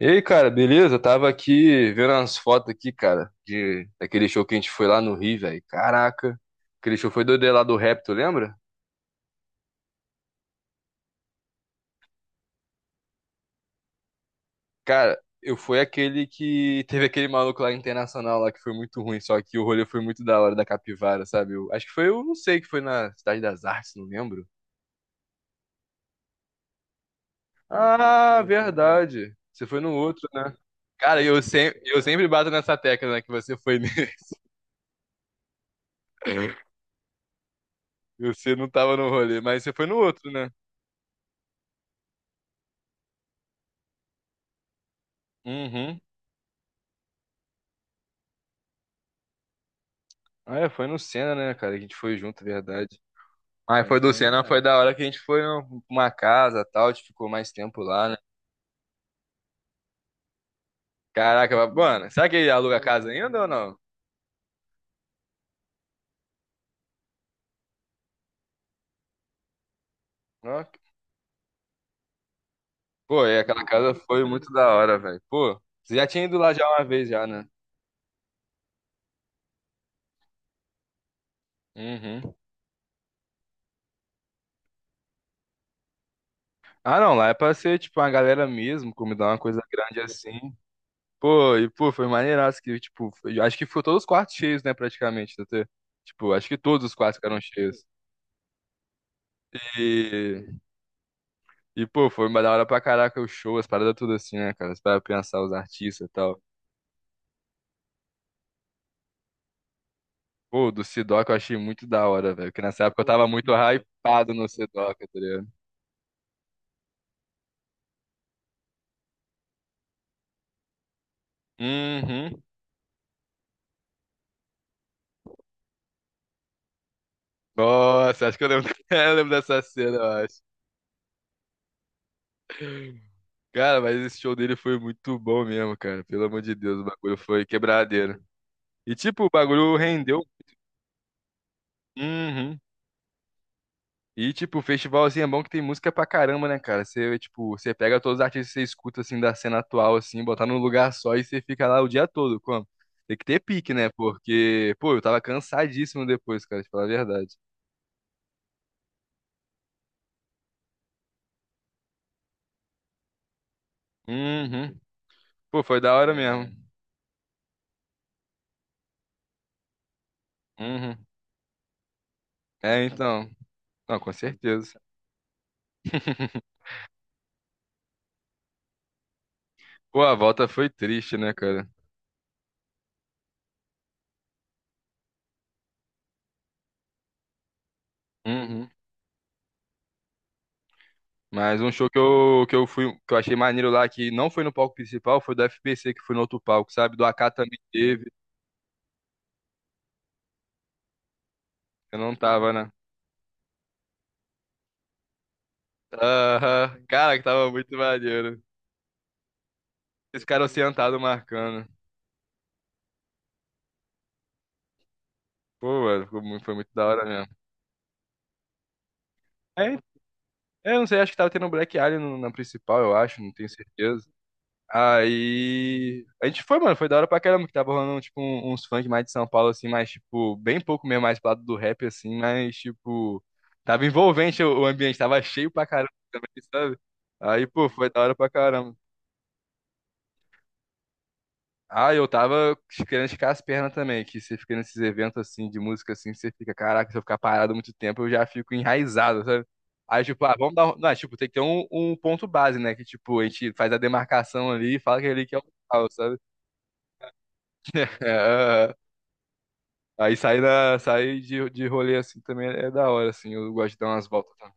E aí, cara, beleza? Eu Tava aqui vendo umas fotos aqui, cara, de daquele show que a gente foi lá no Rio, velho. Caraca, aquele show foi do lá do rap, tu lembra? Cara, eu fui aquele que teve aquele maluco lá internacional lá que foi muito ruim, só que o rolê foi muito da hora da capivara, sabe? Acho que foi, eu não sei, que foi na Cidade das Artes, não lembro. Ah, verdade. Você foi no outro, né? Cara, eu sempre bato nessa tecla, né, que você foi nele. Você não tava no rolê, mas você foi no outro, né? Uhum. Ah, é, foi no Senna, né, cara? Que A gente foi junto, é verdade. Mas Foi do sim, Senna, foi da hora que a gente foi num- uma casa e tal, a gente ficou mais tempo lá, né? Caraca, mas, mano, será que ele aluga a casa ainda ou não? Ó. Pô, e aquela casa foi muito da hora, velho. Pô, você já tinha ido lá já uma vez já, né? Uhum. Ah, não, lá é pra ser, tipo, uma galera mesmo, comida, uma coisa grande assim. Pô, e, pô, foi maneiraço que, tipo, foi- acho que ficou todos os quartos cheios, né, praticamente, Tetê? Tipo, acho que todos os quartos ficaram cheios. E, pô, foi uma da hora pra caraca o show, as paradas tudo assim, né, cara? Você vai pensar os artistas e tal. Pô, o do Sidoca eu achei muito da hora, velho. Porque nessa época eu tava muito hypado no Sidoca, tá ligado? Uhum. Nossa, acho que eu lembro, eu lembro dessa cena, eu acho. Cara, mas esse show dele foi muito bom mesmo, cara. Pelo amor de Deus, o bagulho foi quebradeiro. E, tipo, o bagulho rendeu. Uhum. E, tipo, o festival, assim, é bom que tem música pra caramba, né, cara? Você, tipo, você pega todos os artistas que você escuta, assim, da cena atual, assim, botar num lugar só e você fica lá o dia todo, como? Tem que ter pique, né? Porque, pô, eu tava cansadíssimo depois, cara, de falar a verdade. Uhum. Pô, foi da hora mesmo. Uhum. É, então. Não, com certeza. Pô, a volta foi triste, né, cara? Uhum. Mas um show que eu fui, que eu achei maneiro lá, que não foi no palco principal, foi do FPC, que foi no outro palco, sabe? Do AK também teve. Eu não tava, né? Aham. Cara, que tava muito maneiro. Esse cara sentado marcando. Pô, mano, ficou muito- foi muito da hora mesmo. É, eu não sei, acho que tava tendo um Black Alien no- na principal, eu acho, não tenho certeza. Aí. A gente foi, mano, foi da hora pra caramba, que tava rolando, tipo, um- uns funk mais de São Paulo, assim, mais, tipo, bem pouco mesmo, mais pro lado do rap, assim, mas, tipo. Tava envolvente o ambiente, tava cheio pra caramba também, sabe? Aí, pô, foi da hora pra caramba. Ah, eu tava querendo esticar as pernas também, que você fica nesses eventos assim de música assim, você fica, caraca, se eu ficar parado muito tempo, eu já fico enraizado, sabe? Aí, tipo, ah, vamos dar. Um- Não, é, tipo, tem que ter um ponto base, né? Que, tipo, a gente faz a demarcação ali e fala que é ali que é o local, sabe? É, aham. Aí sair da, sair de rolê assim também é da hora, assim. Eu gosto de dar umas voltas também.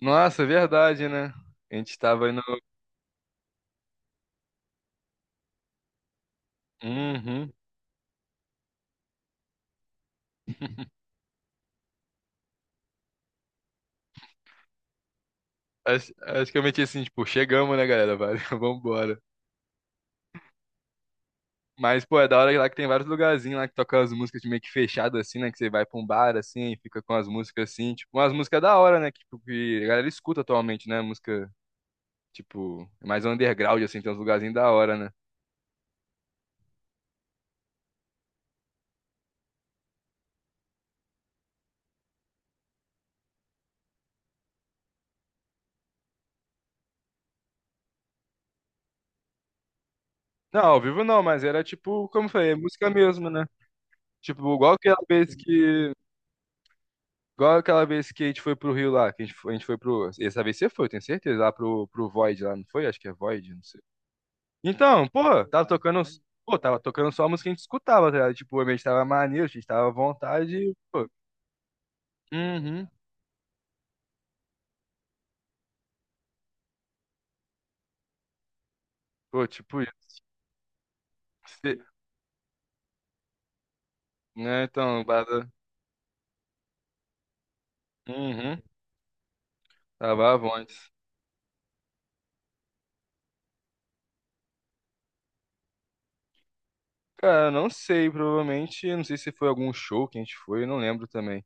Nossa, é verdade, né? A gente tava indo. Uhum. Acho que eu meti assim, tipo, chegamos, né, galera? Valeu, vambora. Mas, pô, é da hora lá que tem vários lugarzinhos lá que tocam as músicas de meio que fechado, assim, né? Que você vai pra um bar, assim, e fica com as músicas, assim. Tipo, umas músicas da hora, né? Que, tipo, que a galera escuta atualmente, né? Música, tipo, mais underground, assim, tem uns lugarzinhos da hora, né? Não, ao vivo não, mas era, tipo, como eu falei, é música mesmo, né? Tipo, igual aquela vez que... Igual aquela vez que a gente foi pro Rio lá, que a gente foi pro... Essa vez você foi, eu tenho certeza, lá pro, pro Void lá, não foi? Acho que é Void, não sei. Então, porra, tava tocando, pô, tava tocando só a música que a gente escutava, tá ligado? Tipo, a gente tava maneiro, a gente tava à vontade, e, pô, uhum, pô, tipo isso. Se- né, então, bada, uhum, tava à vontade. Cara, não sei, provavelmente, não sei se foi algum show que a gente foi, eu não lembro também.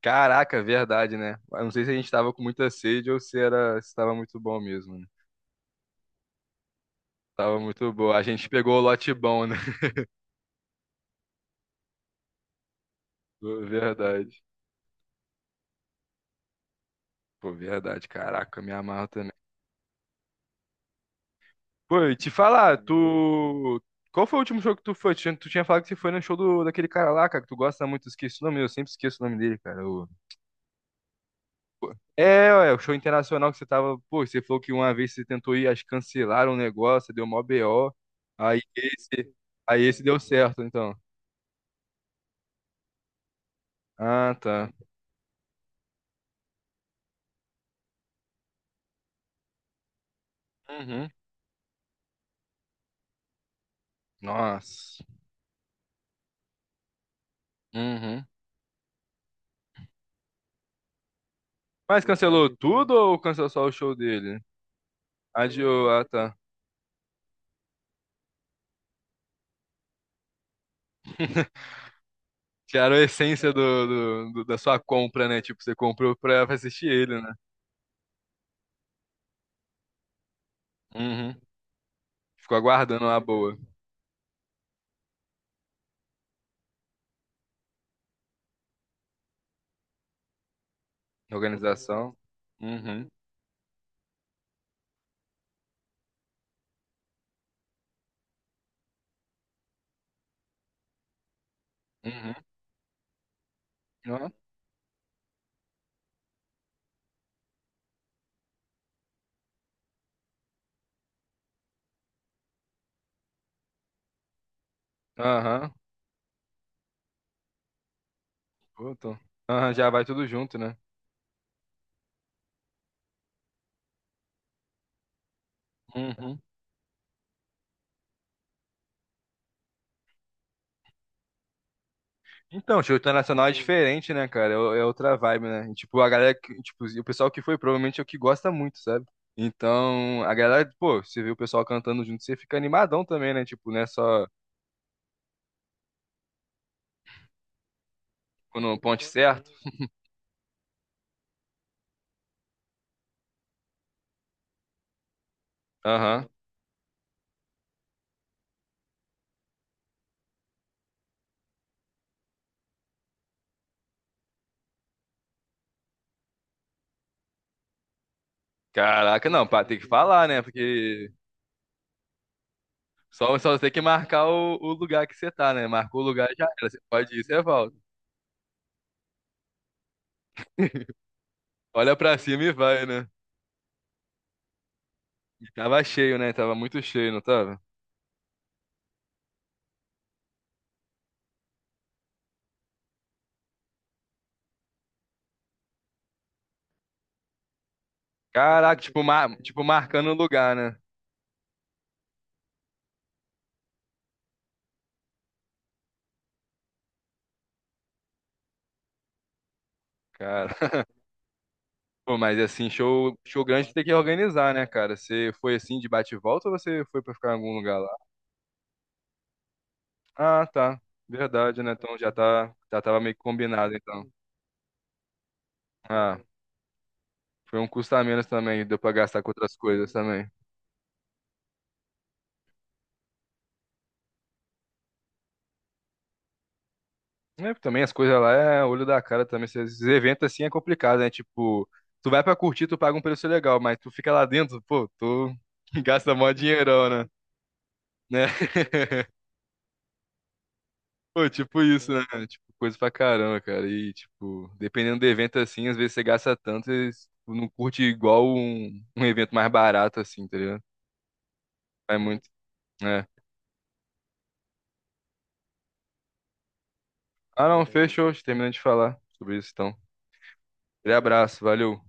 Caraca, verdade, né? Eu Não sei se a gente tava com muita sede ou se era, se tava muito bom mesmo, né? Tava muito bom. A gente pegou o lote bom, né? Verdade. Pô, verdade, caraca, eu me amarro. Pô, e te falar, tu. Qual foi o último show que tu foi? Tu tinha falado que você foi no show do, daquele cara lá, cara, que tu gosta muito, esqueci o nome, eu sempre esqueço o nome dele, cara. O... pô. É, ué, o show internacional que você tava. Pô, você falou que uma vez você tentou ir, acho que cancelaram o negócio, deu mó BO. Aí esse. Aí esse deu certo, então. Ah, tá. Uhum. Nossa. Uhum. Mas cancelou tudo ou cancelou só o show dele? Adiou, ah, tá. Tiraram a essência do, do- do- da sua compra, né? Tipo, você comprou pra assistir ele, né? Uhum. Ficou aguardando uma boa organização. Uhum. Uhum. Ó. Aham. Pô, tô- Aham, já vai tudo junto, né? Uhum. Então, show internacional é diferente, né, cara? É o- é outra vibe, né? E, tipo, a galera, que- tipo, e o pessoal que foi provavelmente é o que gosta muito, sabe? Então, a galera, pô, você vê o pessoal cantando junto, você fica animadão também, né? Tipo, né, só quando o ponte é certo. Aham. Caraca, não, pá, tem que falar, né? Porque só tem que marcar o lugar que você tá, né? Marcou o lugar já era. Você pode ir, você volta. Olha pra cima e vai, né? E tava cheio, né? Tava muito cheio, não tava? Caraca, tipo, mar, tipo marcando o lugar, né? Cara, pô, mas assim, show, show grande tem que organizar, né, cara? Você foi assim de bate e volta ou você foi pra ficar em algum lugar lá? Ah, tá. Verdade, né? Então já tá, já tava meio que combinado, então. Ah, foi um custo a menos também, deu pra gastar com outras coisas também. É, também as coisas lá é olho da cara também. Esses eventos assim é complicado, né? Tipo, tu vai pra curtir, tu paga um preço legal, mas tu fica lá dentro, pô, tu gasta mó dinheirão, né? Né? Pô, tipo isso, né? Tipo, coisa pra caramba, cara. E, tipo, dependendo do evento assim, às vezes você gasta tanto e tu não curte igual um evento mais barato, assim, tá ligado? É muito, né? Ah, não, fechou. Terminando de falar sobre isso, então. Grande abraço, valeu.